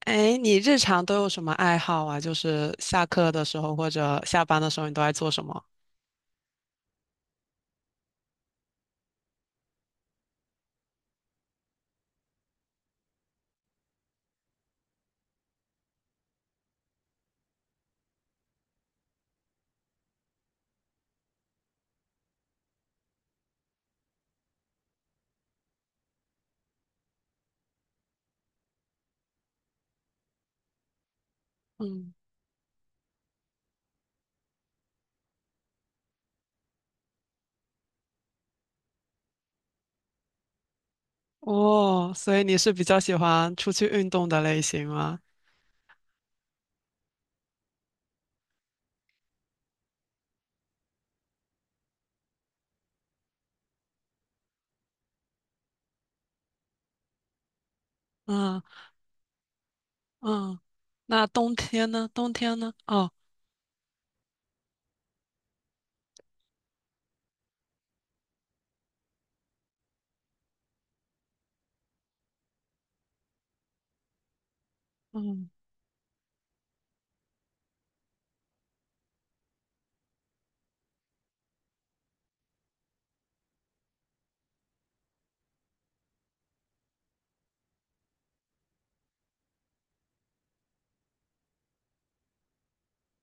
哎，你日常都有什么爱好啊？就是下课的时候或者下班的时候，你都爱做什么？嗯，哦，所以你是比较喜欢出去运动的类型吗？嗯嗯，那冬天呢？冬天呢？哦，嗯。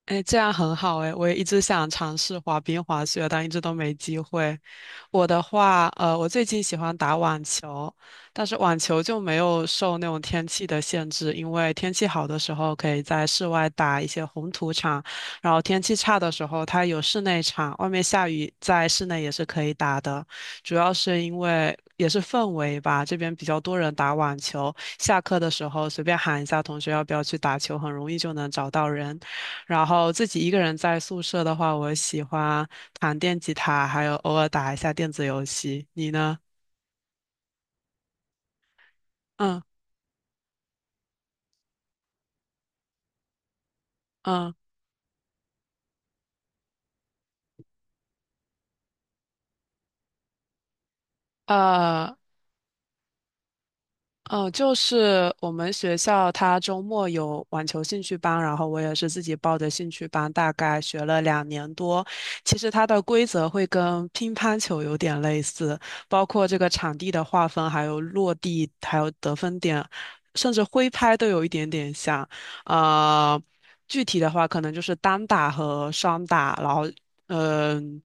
哎，这样很好哎，我也一直想尝试滑冰、滑雪，但一直都没机会。我的话，我最近喜欢打网球，但是网球就没有受那种天气的限制，因为天气好的时候可以在室外打一些红土场，然后天气差的时候它有室内场，外面下雨在室内也是可以打的。主要是因为也是氛围吧，这边比较多人打网球，下课的时候随便喊一下同学要不要去打球，很容易就能找到人。然后自己一个人在宿舍的话，我喜欢弹电吉他，还有偶尔打一下电子游戏。你呢？嗯嗯呃。就是我们学校它周末有网球兴趣班，然后我也是自己报的兴趣班，大概学了2年多。其实它的规则会跟乒乓球有点类似，包括这个场地的划分，还有落地，还有得分点，甚至挥拍都有一点点像。呃，具体的话可能就是单打和双打，然后嗯。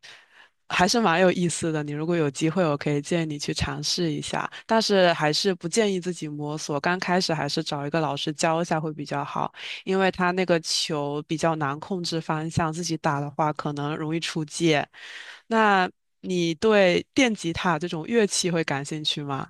还是蛮有意思的。你如果有机会，我可以建议你去尝试一下，但是还是不建议自己摸索。刚开始还是找一个老师教一下会比较好，因为他那个球比较难控制方向，自己打的话可能容易出界。那你对电吉他这种乐器会感兴趣吗？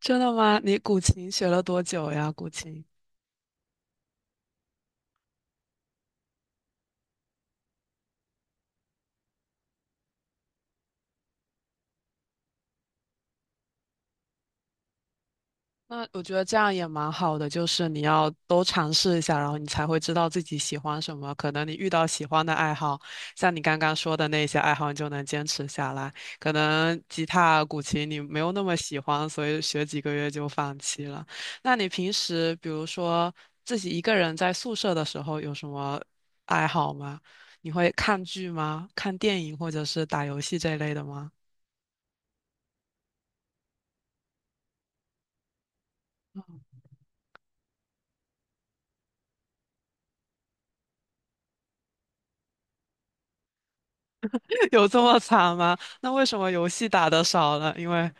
真的吗？你古琴学了多久呀？古琴？那我觉得这样也蛮好的，就是你要都尝试一下，然后你才会知道自己喜欢什么。可能你遇到喜欢的爱好，像你刚刚说的那些爱好，你就能坚持下来。可能吉他、古琴你没有那么喜欢，所以学几个月就放弃了。那你平时比如说自己一个人在宿舍的时候有什么爱好吗？你会看剧吗？看电影或者是打游戏这类的吗？有这么惨吗？那为什么游戏打得少了？因为。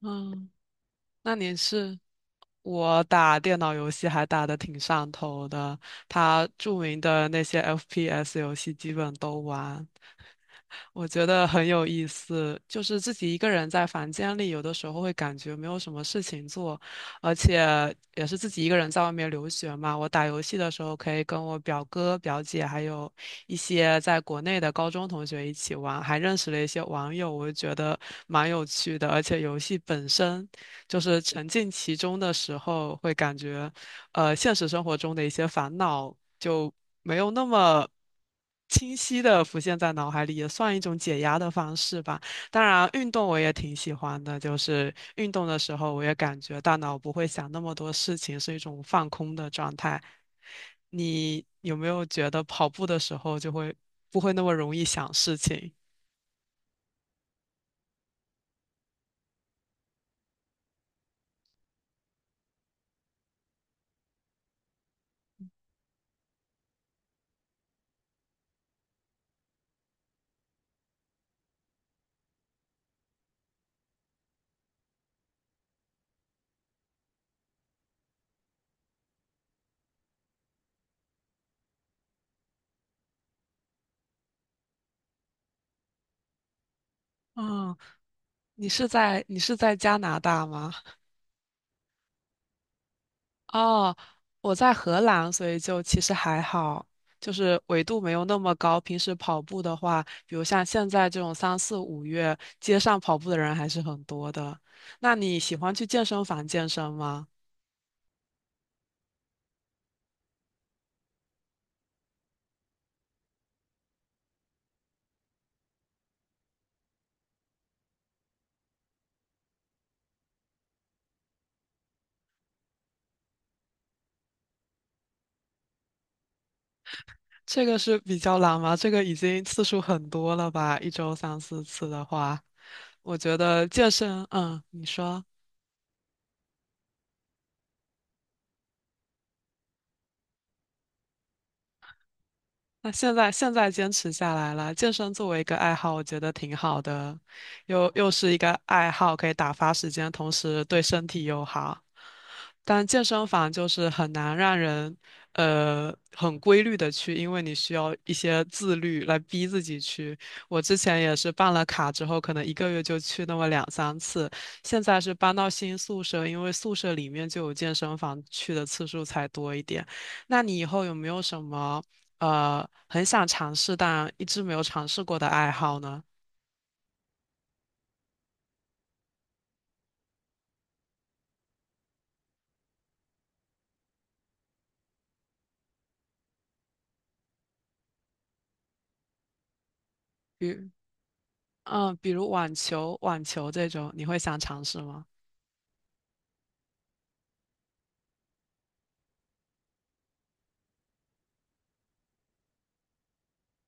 嗯，那你是我打电脑游戏还打得挺上头的，它著名的那些 FPS 游戏基本都玩，我觉得很有意思，就是自己一个人在房间里，有的时候会感觉没有什么事情做，而且也是自己一个人在外面留学嘛。我打游戏的时候可以跟我表哥、表姐，还有一些在国内的高中同学一起玩，还认识了一些网友，我就觉得蛮有趣的。而且游戏本身就是沉浸其中的时候，会感觉。呃现实生活中的一些烦恼就没有那么清晰的浮现在脑海里，也算一种解压的方式吧。当然，运动我也挺喜欢的，就是运动的时候，我也感觉大脑不会想那么多事情，是一种放空的状态。你有没有觉得跑步的时候就会不会那么容易想事情？嗯，你是在加拿大吗？哦，我在荷兰，所以就其实还好，就是纬度没有那么高。平时跑步的话，比如像现在这种三四五月，街上跑步的人还是很多的。那你喜欢去健身房健身吗？这个是比较难吗？这个已经次数很多了吧？一周三四次的话，我觉得健身，嗯，你说。那现在坚持下来了，健身作为一个爱好，我觉得挺好的，又是一个爱好，可以打发时间，同时对身体又好。但健身房就是很难让人很规律的去，因为你需要一些自律来逼自己去。我之前也是办了卡之后，可能一个月就去那么两三次，现在是搬到新宿舍，因为宿舍里面就有健身房，去的次数才多一点。那你以后有没有什么？呃很想尝试但一直没有尝试过的爱好呢？比如嗯，比如网球、网球这种，你会想尝试吗？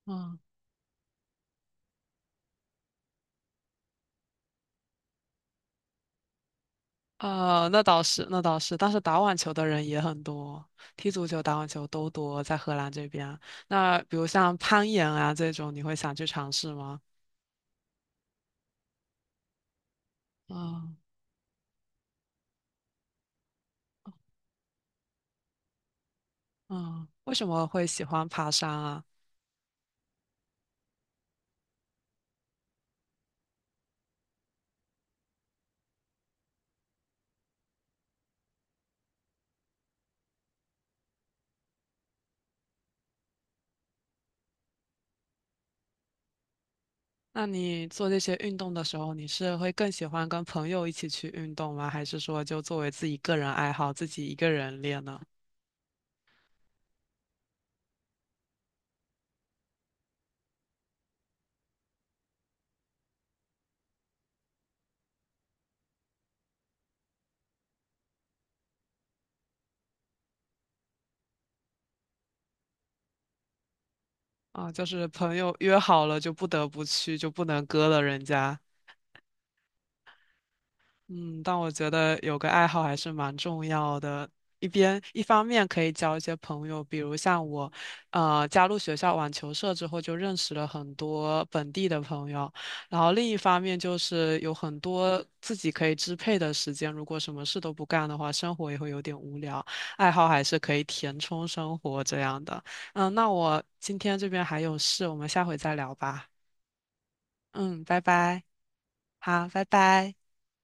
嗯，呃，那倒是，那倒是，但是打网球的人也很多，踢足球、打网球都多，在荷兰这边。那比如像攀岩啊这种，你会想去尝试吗？嗯嗯，为什么会喜欢爬山啊？那你做这些运动的时候，你是会更喜欢跟朋友一起去运动吗？还是说就作为自己个人爱好，自己一个人练呢？啊，就是朋友约好了就不得不去，就不能割了人家。嗯，但我觉得有个爱好还是蛮重要的。一方面可以交一些朋友，比如像我，加入学校网球社之后，就认识了很多本地的朋友。然后另一方面就是有很多自己可以支配的时间，如果什么事都不干的话，生活也会有点无聊。爱好还是可以填充生活这样的。嗯，那我今天这边还有事，我们下回再聊吧。嗯，拜拜。好，拜拜。